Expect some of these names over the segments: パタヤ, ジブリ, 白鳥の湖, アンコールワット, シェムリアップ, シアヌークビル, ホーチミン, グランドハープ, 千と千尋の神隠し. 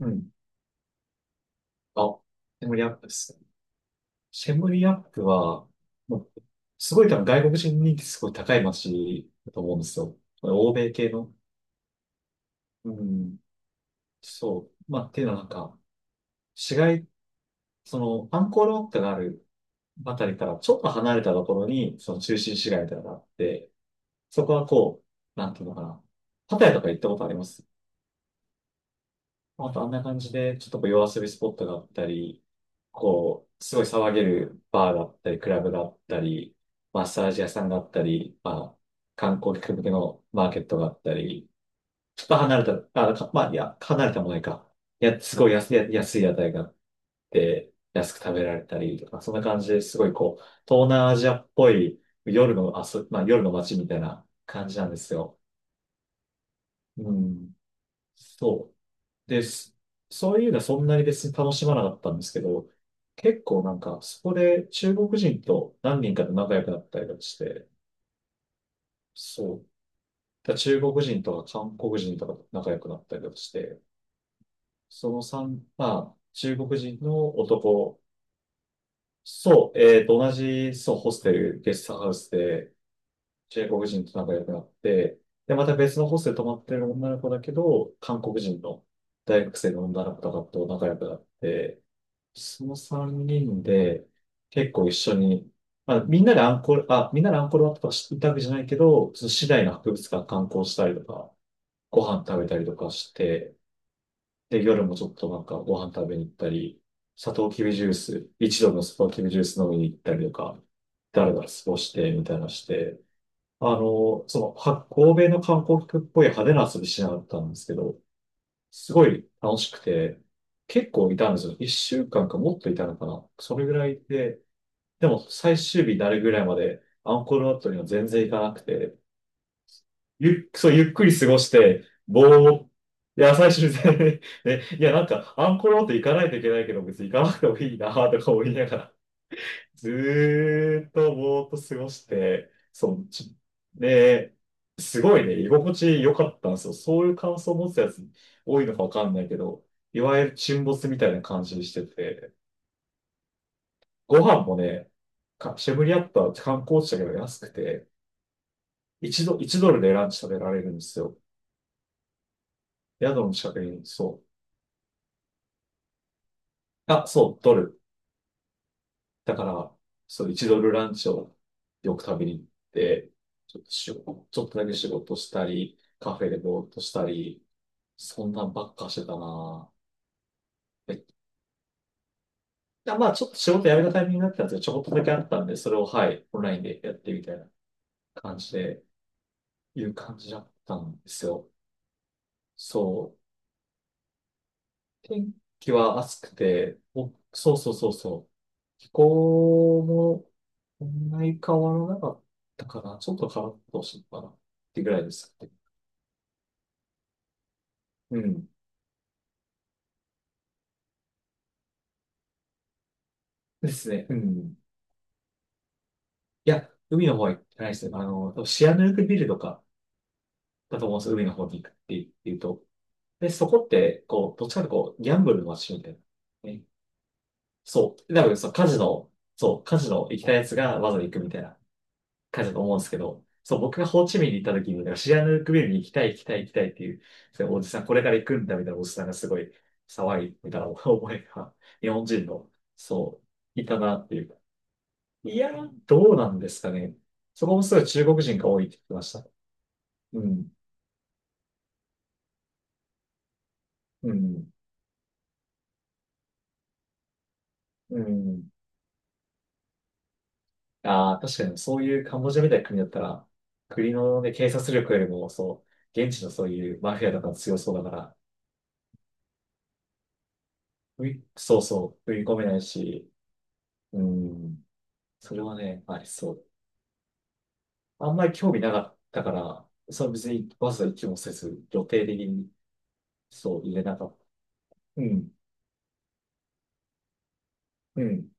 うん。あ、シェムリアップですね。シェムリアップは、もう、すごい多分外国人人気すごい高い街だと思うんですよ。欧米系の。うん。そう。まあ、っていうのはなんか、市街、その、アンコールワットがあるあたりからちょっと離れたところに、その中心市街みたいなのがあって、そこはなんていうのかな。パタヤとか行ったことあります？あとあんな感じで、ちょっとこう夜遊びスポットがあったり、こう、すごい騒げるバーだったり、クラブがあったり、マッサージ屋さんがあったり、まあ、観光客向けのマーケットがあったり、ちょっと離れた、あ、かまあ、いや、離れたもないか。いや、すごい安い屋台があって、安く食べられたりとか、そんな感じですごいこう、東南アジアっぽい夜の遊び、まあ、夜の街みたいな感じなんですよ。うん。そう。で、すそういうのはそんなに別に楽しまなかったんですけど、結構なんか、そこで中国人と何人かと仲良くなったりとかして、そう。だから中国人とか韓国人とかと仲良くなったりとかして、その三まあ、中国人の男、そう、同じ、そう、ホステル、ゲストハウスで、中国人と仲良くなって、で、また別のホステル泊まってる女の子だけど、韓国人の大学生の女の子とかと仲良くなって、その3人で結構一緒に、まあ、みんなでアンコールワットとか行ったわけじゃないけど、その市内の博物館観光したりとか、ご飯食べたりとかして、で、夜もちょっとなんかご飯食べに行ったり、サトウキビジュース、一度のサトウキビジュース飲みに行ったりとか、だらだら過ごしてみたいなして、欧米の観光客っぽい派手な遊びしなかったんですけど、すごい楽しくて、結構いたんですよ。一週間かんかもっといたのかな。それぐらいで、でも最終日になるぐらいまでアンコールワットには全然行かなくて、ゆっくり過ごして、いや、最終日 ね、いや、なんか、アンコールワット行かないといけないけど、別に行かなくてもいいなとか思いながらずーっとぼーっと過ごして、で、すごいね、居心地良かったんですよ。そういう感想を持つやつ多いのかわかんないけど、いわゆる沈没みたいな感じにしてて、ご飯もね、かシェムリアットは観光地だけど安くて、1ドルでランチ食べられるんですよ。宿の近くに、そう。あ、そう、ドル。だから、そう、1ドルランチをよく食べに行って、ちょっとだけ仕事したり、カフェでぼーっとしたり、そんなんばっかしてたなぁ。え、あまあ、ちょっと仕事辞めたタイミングになってたんですけど、ちょこっとだけあったんで、それを、はい、オンラインでやってみたいな感じで、いう感じだったんですよ。そう。天気は暑くて、お、そうそうそうそう。気候も、そんなに変わらなかったかな。ちょっと変わったほしいかな。ってぐらいです。うん。ですね。うん。いや、海の方は行ってないですね。あの、多分シアヌークビルとかだと思うんですよ。海の方に行くっていうと。で、そこって、こう、どっちかというとこう、ギャンブルの街みたいな。ね。そう。多分、そう、カジノ、そう、カジノ行きたいやつがわざわざ行くみたいな感じだと思うんですけど、そう、僕がホーチミンに行った時に、なんかシアヌークビルに行きたいっていう、そうおじさん、これから行くんだみたいなおじさんがすごい騒いみたいな思いが、日本人の、そう、いたなっていう。いや、どうなんですかね。そこもすごい中国人が多いって言ってました。うん。うん。うん。ああ、確かにそういうカンボジアみたいな国だったら、国のね、警察力よりも、そう、現地のそういうマフィアとか強そうだから、ういそうそう、食い込めないし、うん。それはね、ありそう。あんまり興味なかったから、それは別にわざわざ行きもせず、予定的に、そう、入れなかった。うん。うん。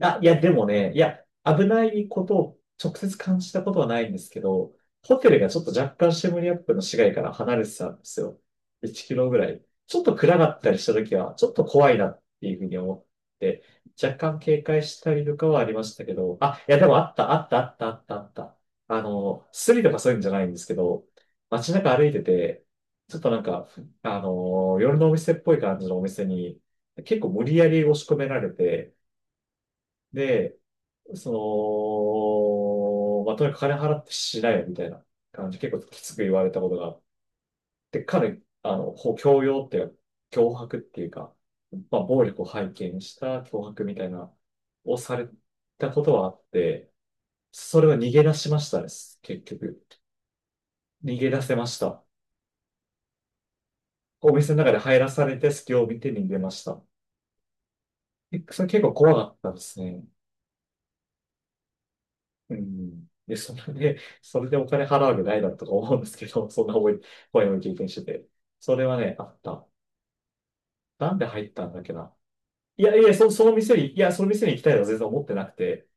あ、いや、でもね、いや、危ないことを直接感じたことはないんですけど、ホテルがちょっと若干シェムリアップの市街から離れてたんですよ。1キロぐらい。ちょっと暗かったりした時は、ちょっと怖いなっていうふうに思って、若干警戒したりとかはありましたけど、あ、いや、でもあった、あった、あった、あった、あった。あの、スリとかそういうんじゃないんですけど、街中歩いてて、ちょっとなんか、あの、夜のお店っぽい感じのお店に、結構無理やり押し込められて、で、その、まあ、とにかく金払ってしないよみたいな感じ、結構きつく言われたことがあって、彼、あの、こう強要っていうか、脅迫っていうか、まあ、暴力を背景にした脅迫みたいな、をされたことはあって、それを逃げ出しましたです、結局。逃げ出せました。お店の中で入らされて、隙を見て逃げました。えそれ結構怖かったですね。うん。で、それでお金払うわけないだとか思うんですけど、そんな思い、怖いも経験してて。それはね、あった。なんで入ったんだっけな。いやいや、その店に、いや、その店に行きたいとは全然思ってなくて、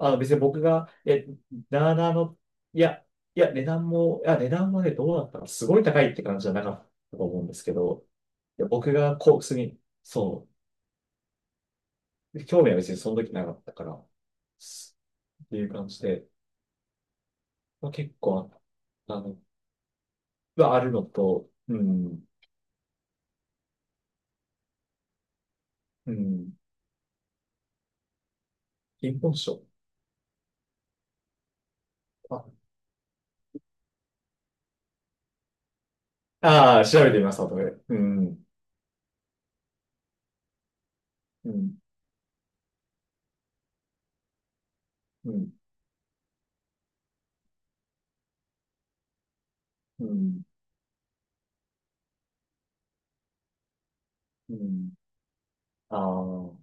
あの別に僕が、え、なあなあの、いや、いや、値段もね、どうだったか、すごい高いって感じじゃなかったと思うんですけど、いや僕がこうースに、そう、興味は別にその時なかったから、すっていう感じで、まあ、結構あったのはあるのと、うん、うん、貧困症。あ、ああ調べてみます、後で。うん、うん、うん、うん、うん、ああ、う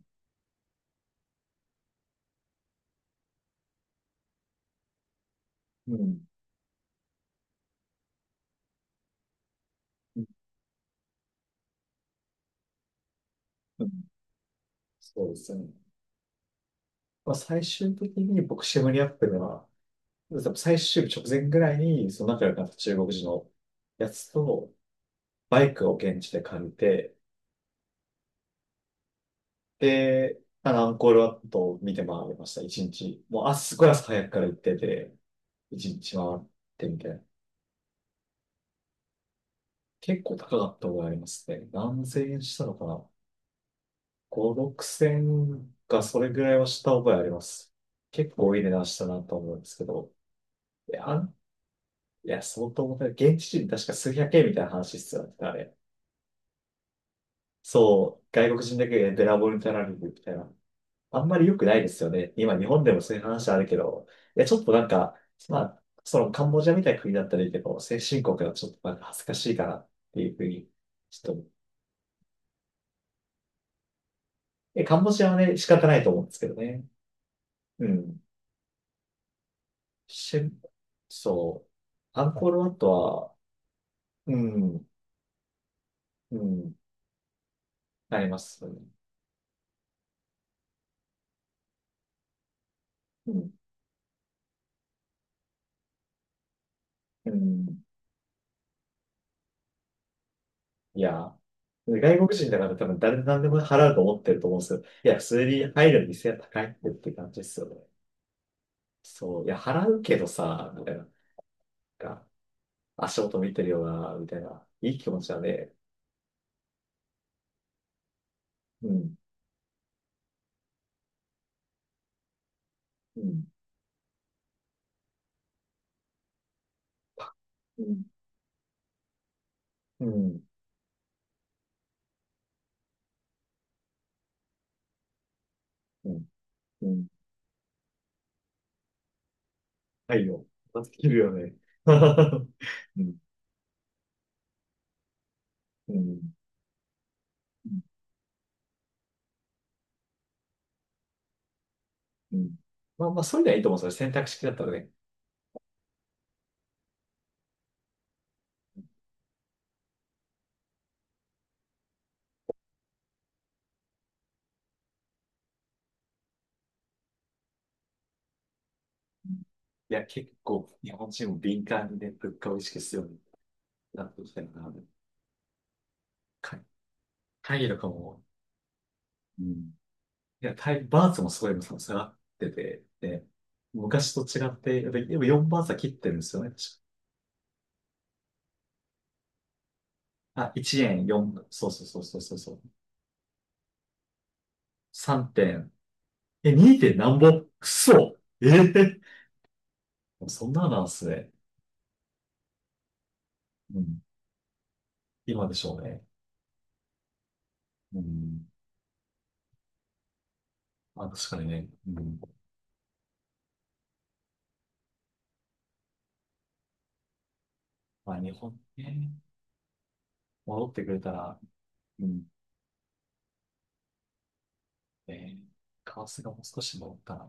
ん、うん、うんそうですね。まあ、最終的に僕、シェムリアップでは、多分最終日直前ぐらいに、その仲良くなった中国人のやつと、バイクを現地で借りて、で、まあの、アンコールワットを見て回りました、一日。もう、あ、すごい朝早くから行ってて、一日回ってみたいな。結構高かった覚えありますね。何千円したのかな？ 5、6千かそれぐらいはした覚えあります。結構いい値段したなと思うんですけど。いや、あんいや相当重たい。現地人確か数百円みたいな話必要だったあれ。そう、外国人だけでべらぼうになられるみたいな。あんまり良くないですよね。今日本でもそういう話あるけど。いや、ちょっとなんか、まあ、そのカンボジアみたいな国だったらいいけど、先進国はちょっとなんか恥ずかしいかなっていうふうに、ちょっと、え、カンボジアはね、仕方ないと思うんですけどね。うん。し、そう。アンコールワットは、うん、うん、なりますよね。うん、うん。いや、外国人だから多分誰で何でも払うと思ってると思うんですけど、いや、普通に入る店は高いってって感じですよね。そう。いや、払うけどさ、みたいな。なんか足元見てるよな、みたいな。いい気持ちだね。うん、うん、うん、うん、うん、うん。はいよ。まず切るよね。うん、うん。うん。まあまあ、そういうのはいいと思うんですよ。選択肢だったらね。いや、結構、日本人も敏感にね、物価を意識するようになってきたよな。かタイとかも、うん。いや、タイ、バーツもすごい下がってて、で、昔と違って、やっぱ4バーツは切ってるんですよね。確かあ、1円4、そうそうそうそうそうそう。3点、え、2点何ぼくそええそんなのなんですね。うん。今でしょうね。うん。まあ、確かにね。うん。まあ、日本ね。戻ってくれたら、うん、えー、カワスがもう少し戻ったら、